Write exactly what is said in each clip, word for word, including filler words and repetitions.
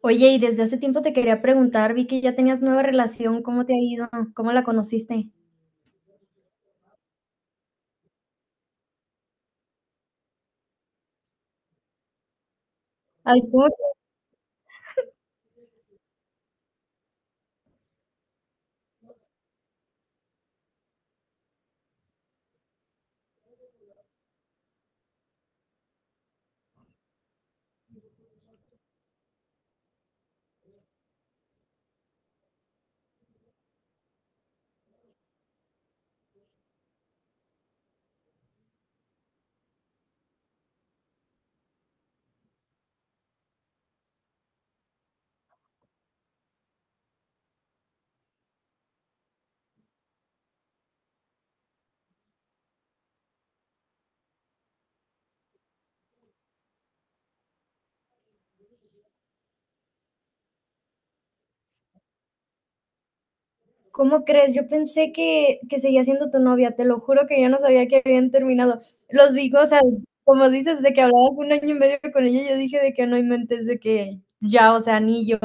Oye, y desde hace tiempo te quería preguntar, vi que ya tenías nueva relación, ¿cómo te ha ido? ¿Cómo la conociste? Ay, ¿cómo, cómo crees? Yo pensé que, que seguía siendo tu novia, te lo juro que yo no sabía que habían terminado. Los vi, o sea, como dices, de que hablabas un año y medio con ella, yo dije de que no inventes, de que ya, o sea, ni yo,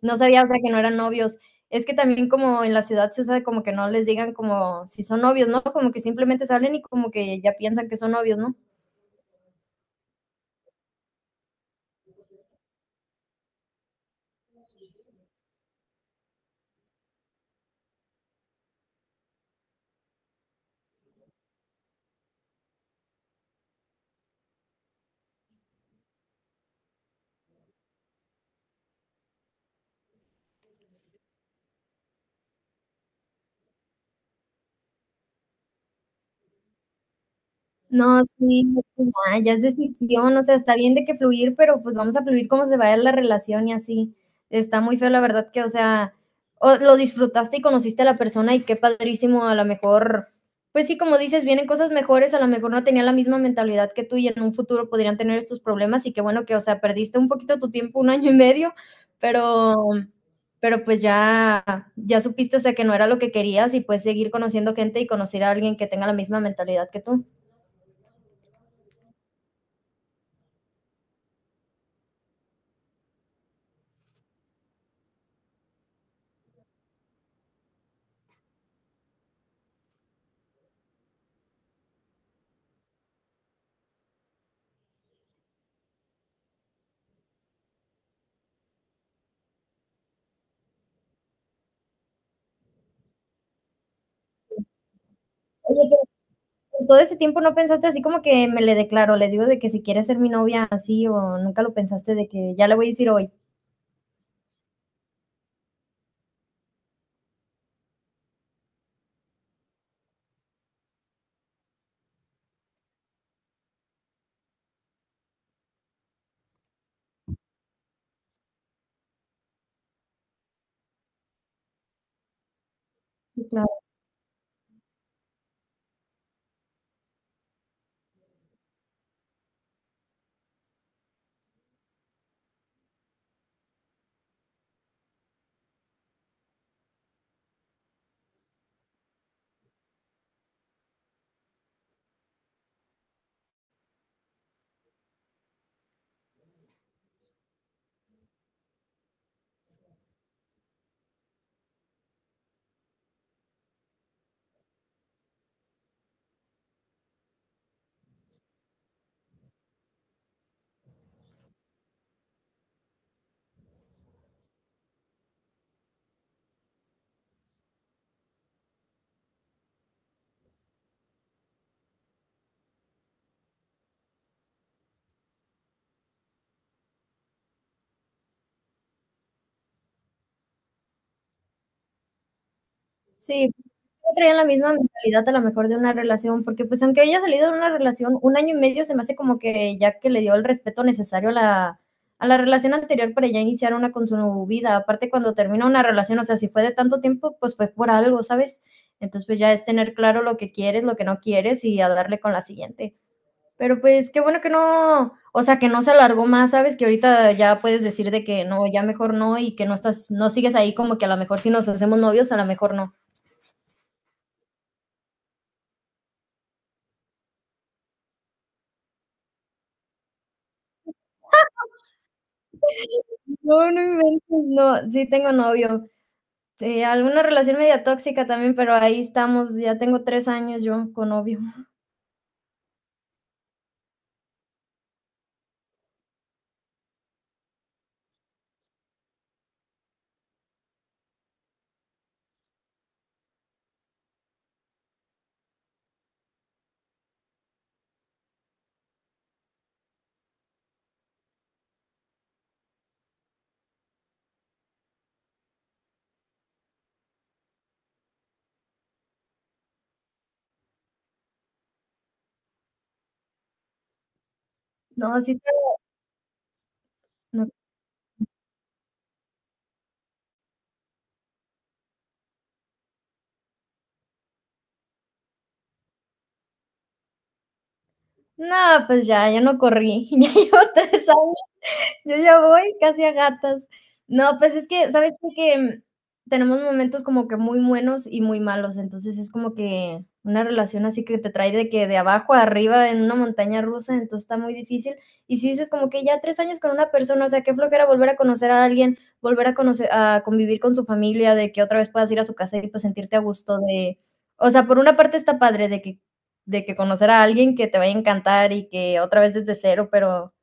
no sabía, o sea, que no eran novios. Es que también como en la ciudad se usa como que no les digan como si son novios, ¿no? Como que simplemente salen y como que ya piensan que son novios, ¿no? No, sí, pues ya, ya es decisión, o sea, está bien de que fluir, pero pues vamos a fluir como se vaya la relación y así. Está muy feo, la verdad que, o sea, o lo disfrutaste y conociste a la persona y qué padrísimo, a lo mejor, pues sí, como dices, vienen cosas mejores, a lo mejor no tenía la misma mentalidad que tú y en un futuro podrían tener estos problemas y qué bueno que, o sea, perdiste un poquito tu tiempo, un año y medio, pero pero pues ya ya supiste, o sea, que no era lo que querías y puedes seguir conociendo gente y conocer a alguien que tenga la misma mentalidad que tú. Oye, pero en todo ese tiempo no pensaste así como que me le declaro, le digo de que si quiere ser mi novia así o nunca lo pensaste de que ya le voy a decir hoy. Sí, claro. Sí, no traían la misma mentalidad a lo mejor de una relación, porque pues aunque haya salido de una relación, un año y medio se me hace como que ya que le dio el respeto necesario a la, a la relación anterior para ya iniciar una con su vida. Aparte cuando termina una relación, o sea, si fue de tanto tiempo, pues fue por algo, ¿sabes? Entonces pues ya es tener claro lo que quieres, lo que no quieres y a darle con la siguiente. Pero pues qué bueno que no, o sea, que no se alargó más, ¿sabes? Que ahorita ya puedes decir de que no, ya mejor no y que no estás, no sigues ahí como que a lo mejor si nos hacemos novios, a lo mejor no. No, no inventes, no, sí tengo novio. Sí, alguna relación media tóxica también, pero ahí estamos, ya tengo tres años yo con novio. No, sí está, no, no, pues ya, ya no corrí, ya llevo tres años. Yo ya voy casi a gatas. No, pues es que, ¿sabes qué? Que mm, tenemos momentos como que muy buenos y muy malos, entonces es como que una relación así que te trae de que de abajo a arriba en una montaña rusa, entonces está muy difícil. Y si dices como que ya tres años con una persona, o sea, qué flojera volver a conocer a alguien, volver a conocer, a convivir con su familia, de que otra vez puedas ir a su casa y pues sentirte a gusto de, o sea, por una parte está padre de que, de que conocer a alguien que te vaya a encantar y que otra vez desde cero, pero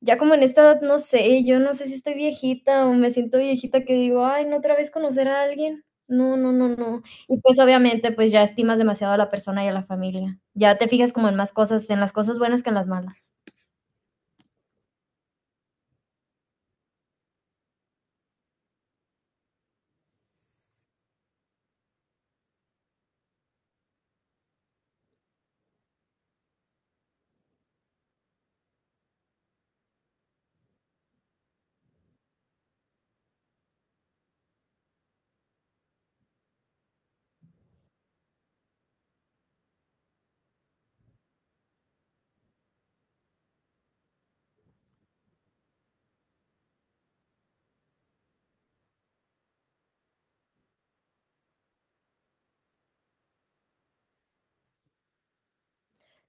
ya como en esta edad, no sé, yo no sé si estoy viejita o me siento viejita que digo: "Ay, no, otra vez conocer a alguien". No, no, no, no. Y, pues, obviamente, pues, ya estimas demasiado a la persona y a la familia. Ya te fijas como en más cosas, en las cosas buenas que en las malas.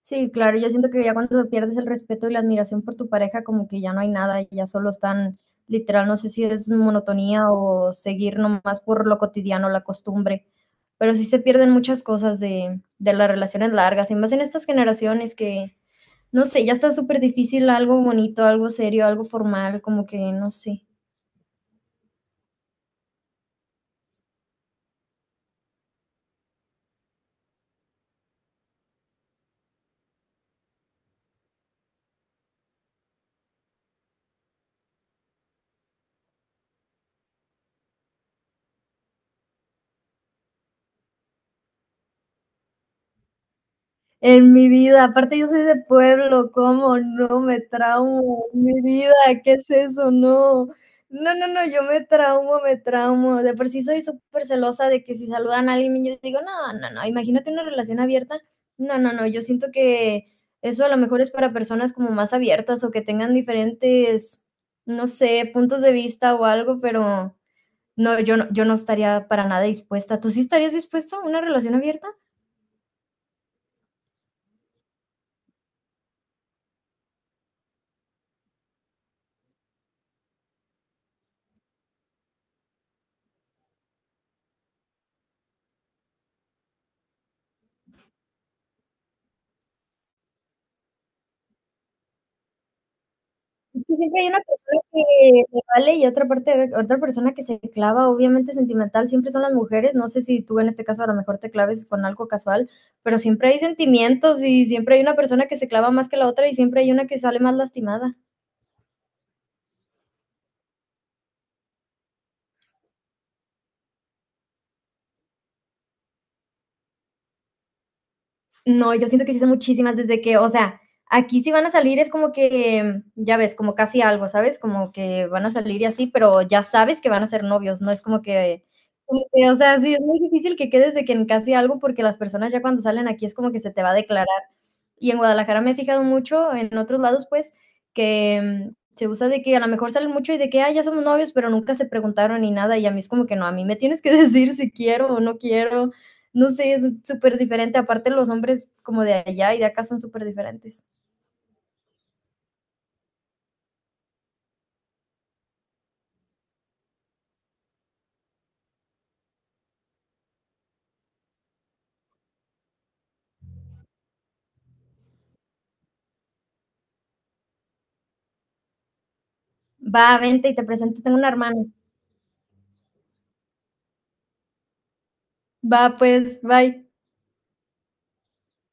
Sí, claro, yo siento que ya cuando pierdes el respeto y la admiración por tu pareja, como que ya no hay nada, ya solo están, literal, no sé si es monotonía o seguir nomás por lo cotidiano, la costumbre, pero sí se pierden muchas cosas de, de las relaciones largas, y más en estas generaciones que, no sé, ya está súper difícil algo bonito, algo serio, algo formal, como que no sé. En mi vida, aparte yo soy de pueblo, ¿cómo no? Me traumo, mi vida, ¿qué es eso? No, no, no, no, yo me traumo, me traumo. De por sí soy súper celosa de que si saludan a alguien, yo digo: "No, no, no, imagínate una relación abierta". No, no, no, yo siento que eso a lo mejor es para personas como más abiertas o que tengan diferentes, no sé, puntos de vista o algo, pero no, yo no yo no estaría para nada dispuesta. ¿Tú sí estarías dispuesto a una relación abierta? Es que siempre hay una persona que le vale y otra parte, otra persona que se clava, obviamente sentimental, siempre son las mujeres, no sé si tú en este caso a lo mejor te claves con algo casual, pero siempre hay sentimientos y siempre hay una persona que se clava más que la otra y siempre hay una que sale más lastimada. No, yo siento que sí son muchísimas desde que, o sea, aquí sí van a salir, es como que, ya ves, como casi algo, ¿sabes? Como que van a salir y así, pero ya sabes que van a ser novios, no es como que, como que, o sea, sí, es muy difícil que quedes de que en casi algo, porque las personas ya cuando salen aquí es como que se te va a declarar. Y en Guadalajara me he fijado mucho, en otros lados, pues, que mm, se usa de que a lo mejor salen mucho y de que, ah, ya somos novios, pero nunca se preguntaron ni nada. Y a mí es como que no, a mí me tienes que decir si quiero o no quiero. No sé, es súper diferente. Aparte, los hombres como de allá y de acá son súper diferentes. Va, vente y te presento, tengo una hermana. Va, pues, bye.